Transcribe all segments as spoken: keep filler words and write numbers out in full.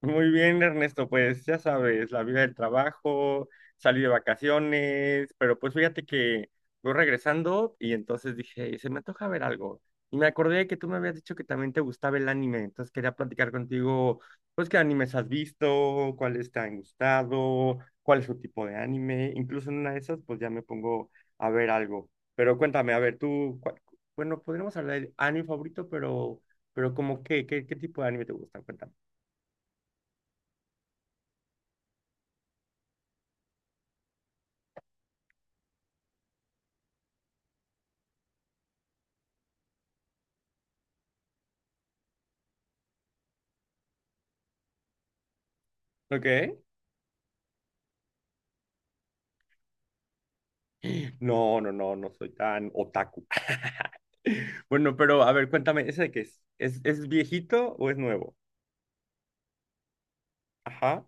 Muy bien, Ernesto, pues ya sabes, la vida del trabajo, salí de vacaciones, pero pues fíjate que voy regresando y entonces dije, se me antoja ver algo. Y me acordé que tú me habías dicho que también te gustaba el anime, entonces quería platicar contigo, pues qué animes has visto, cuáles te han gustado, cuál es tu tipo de anime, incluso en una de esas pues ya me pongo a ver algo. Pero cuéntame, a ver, tú, cuál- bueno, podríamos hablar del anime favorito, pero, pero como qué, qué, qué tipo de anime te gusta, cuéntame. ¿Ok? No, no, no, no soy tan otaku. Bueno, pero a ver, cuéntame, ¿ese de qué es? ¿Es, es viejito o es nuevo? Ajá.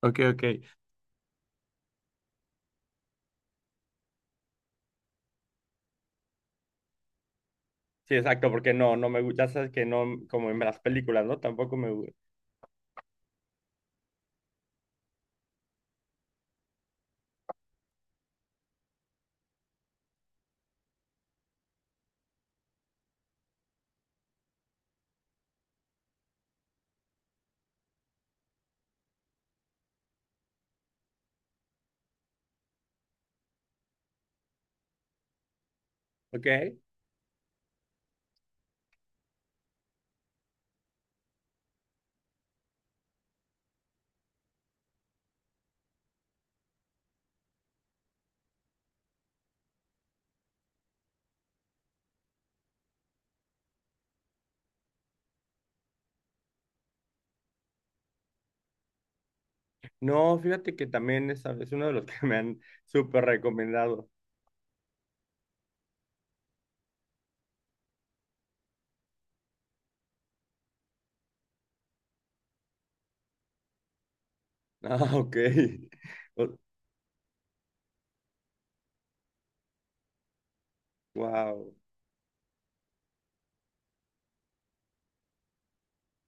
Ok, ok. Sí, exacto, porque no, no me gusta, ya sabes que no, como en las películas, ¿no? Tampoco me gusta. Ok. No, fíjate que también es, es uno de los que me han súper recomendado. Ah, ok. Wow.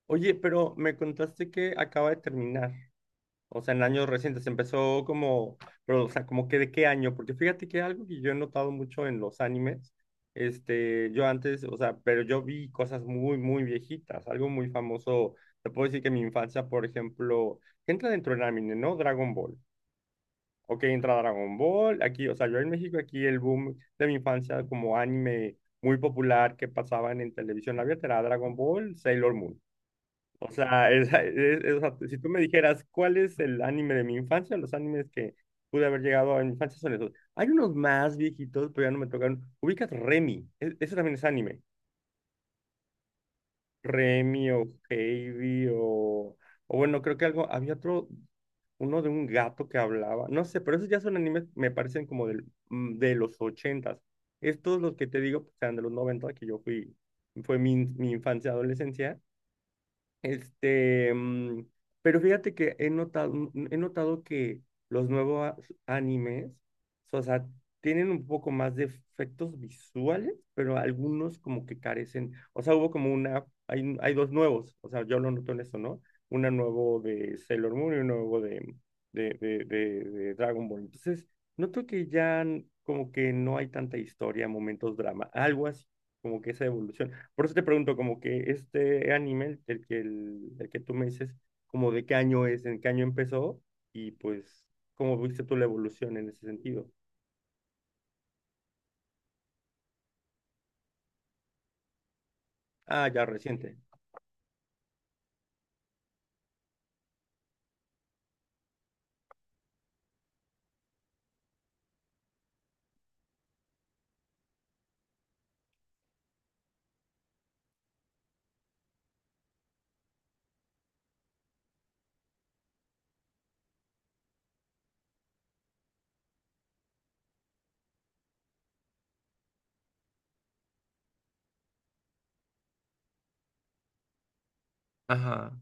Oye, pero me contaste que acaba de terminar. O sea, en años recientes empezó como, pero, o sea, como que de qué año, porque fíjate que algo que yo he notado mucho en los animes, este, yo antes, o sea, pero yo vi cosas muy, muy viejitas, algo muy famoso, te puedo decir que mi infancia, por ejemplo, que entra dentro del anime, ¿no? Dragon Ball. Ok, entra Dragon Ball, aquí, o sea, yo en México, aquí el boom de mi infancia como anime muy popular que pasaban en televisión abierta era Dragon Ball, Sailor Moon. O sea, es- es- es- o sea, si tú me dijeras cuál es el anime de mi infancia, los animes que pude haber llegado a mi infancia son esos. Hay unos más viejitos, pero ya no me tocaron. Ubicas Remy, e- eso también es anime. Remy o Heidi o, o bueno, creo que algo, había otro, uno de un gato que hablaba, no sé, pero esos ya son animes, me parecen como del, mm, de los ochentas. Estos los que te digo, pues, eran de los noventa, que yo fui, fue mi, mi infancia, adolescencia. Este, mm, pero fíjate que he notado, mm, he notado que los nuevos animes, o sea, tienen un poco más de efectos visuales, pero algunos como que carecen. O sea, hubo como una, hay, hay dos nuevos, o sea, yo lo noto en eso, ¿no? Una nuevo de Sailor Moon y un nuevo de, de, de, de, de Dragon Ball. Entonces, noto que ya n- como que no hay tanta historia, momentos, drama, algo así, como que esa evolución. Por eso te pregunto, como que este anime, el que, el, el que tú me dices, como de qué año es, en qué año empezó, y pues, ¿cómo viste tú la evolución en ese sentido? Ah, ya reciente. Ajá,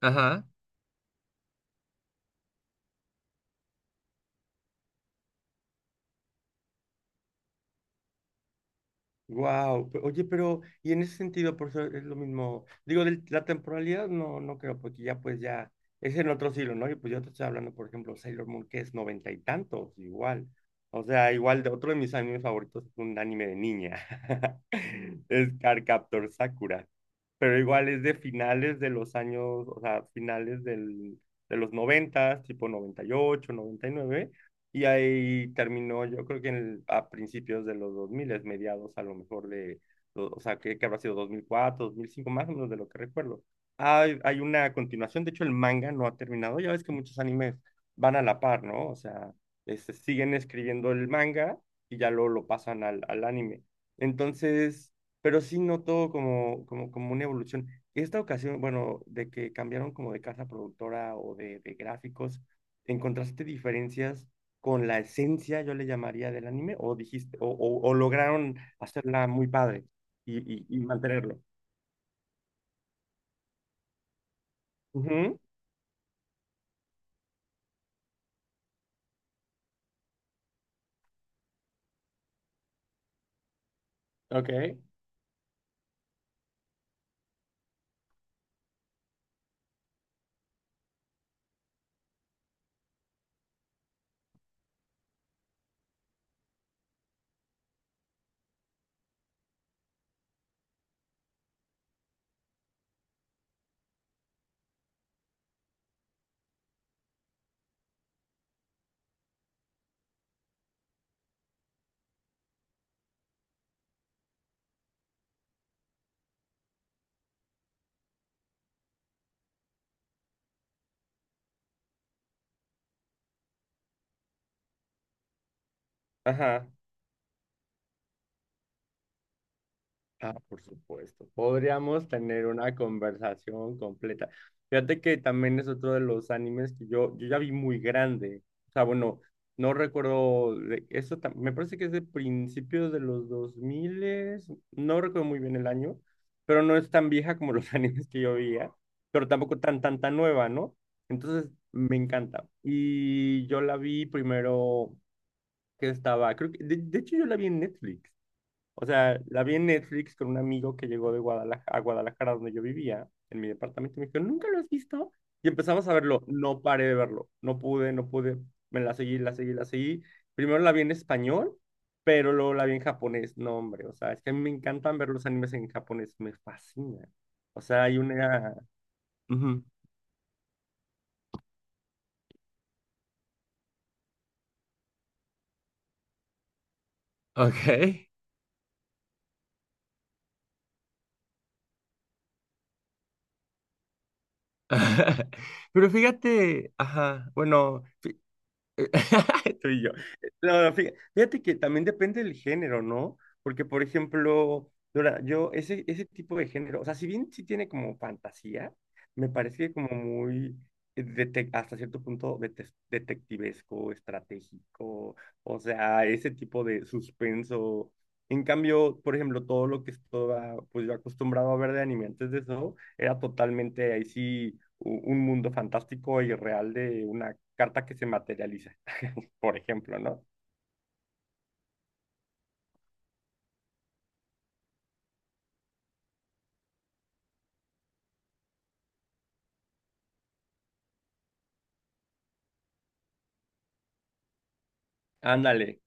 ajá. Wow, oye, pero y en ese sentido, por eso es lo mismo. Digo, de la temporalidad no, no creo, porque ya pues ya es en otro siglo, ¿no? Y pues yo te estoy hablando, por ejemplo, Sailor Moon, que es noventa y tantos, igual. O sea, igual de otro de mis animes favoritos es un anime de niña. Es Cardcaptor Sakura. Pero igual es de finales de los años, o sea, finales del, de los noventa, tipo noventa noventa y ocho, noventa y nueve. Y ahí terminó, yo creo que en el- a principios de los dos mil, mediados a lo mejor de, o o sea, que, que habrá sido dos dos mil cuatro dos mil cinco más o menos de lo que recuerdo. Hay, hay una continuación, de hecho el manga no ha terminado, ya ves que muchos animes van a la par, ¿no? O sea, este, siguen escribiendo el manga y ya luego lo pasan al, al anime. Entonces, pero sí noto como, como, como una evolución. Esta ocasión, bueno, de que cambiaron como de casa productora o de, de gráficos, ¿encontraste diferencias? Con la esencia, yo le llamaría, del anime, o dijiste, o, o- o lograron hacerla muy padre y, y- y mantenerlo. Ujú, ok, ajá. Ah, por supuesto. Podríamos tener una conversación completa. Fíjate que también es otro de los animes que yo, yo ya vi muy grande. O sea, bueno, no recuerdo, de- eso tam- me parece que es de principios de los dos mil, no recuerdo muy bien el año, pero no es tan vieja como los animes que yo veía, pero tampoco tan, tan, tan nueva, ¿no? Entonces, me encanta. Y yo la vi primero que estaba, creo que, de de hecho yo la vi en Netflix. O sea, la vi en Netflix con un amigo que llegó de Guadalajara, a Guadalajara, donde yo vivía, en mi departamento. Y me dijo, ¿nunca lo has visto? Y empezamos a verlo. No paré de verlo. No pude, no pude. Me la seguí, la seguí, la seguí. Primero la vi en español, pero luego la vi en japonés. No, hombre, o sea, es que a mí me encantan ver los animes en japonés. Me fascina. O sea, hay una... Ujú. Ok. Pero fíjate, ajá, bueno. Tú y yo. No, no, fí- fíjate que también depende del género, ¿no? Porque, por ejemplo, Dora, yo, ese, ese tipo de género, o sea, si bien sí tiene como fantasía, me parece como muy, eh, dete- hasta cierto punto, dete- detectivesco, estratégico, o sea, ese tipo de suspenso. En cambio, por ejemplo, todo lo que estaba, pues yo acostumbrado a ver de anime antes de eso, era totalmente ahí sí u- un mundo fantástico y real de una carta que se materializa, por ejemplo, ¿no? Ándale,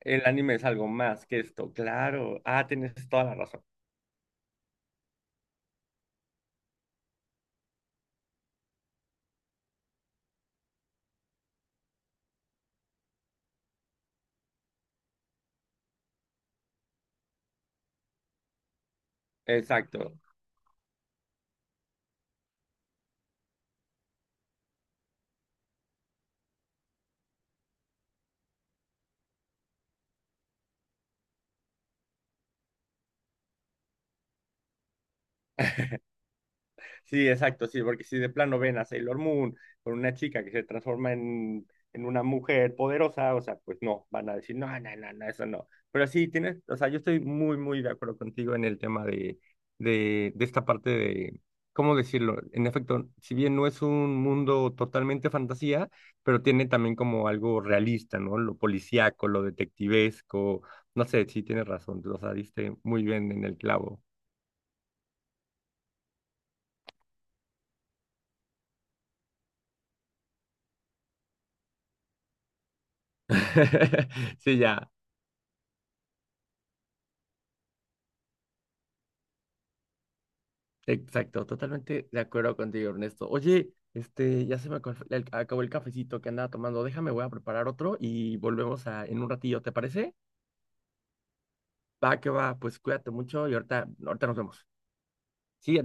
el anime es algo más que esto, claro. Ah, tienes toda la razón. Exacto. Sí, exacto, sí, porque si de plano ven a Sailor Moon con una chica que se transforma en, en una mujer poderosa, o sea, pues no, van a decir, no, no, no, no, eso no. Pero sí, tienes, o sea, yo estoy muy, muy de acuerdo contigo en el tema de, de, de esta parte de, ¿cómo decirlo? En efecto, si bien no es un mundo totalmente fantasía, pero tiene también como algo realista, ¿no? Lo policíaco, lo detectivesco, no sé, sí, tienes razón, o sea, diste muy bien en el clavo. Sí, ya. Exacto, totalmente de acuerdo contigo, Ernesto. Oye, este, ya se me acol- el- acabó el cafecito que andaba tomando. Déjame, voy a preparar otro y volvemos a, en un ratillo, ¿te parece? Va, que va, pues cuídate mucho y ahorita, ahorita nos vemos. Sí, adiós.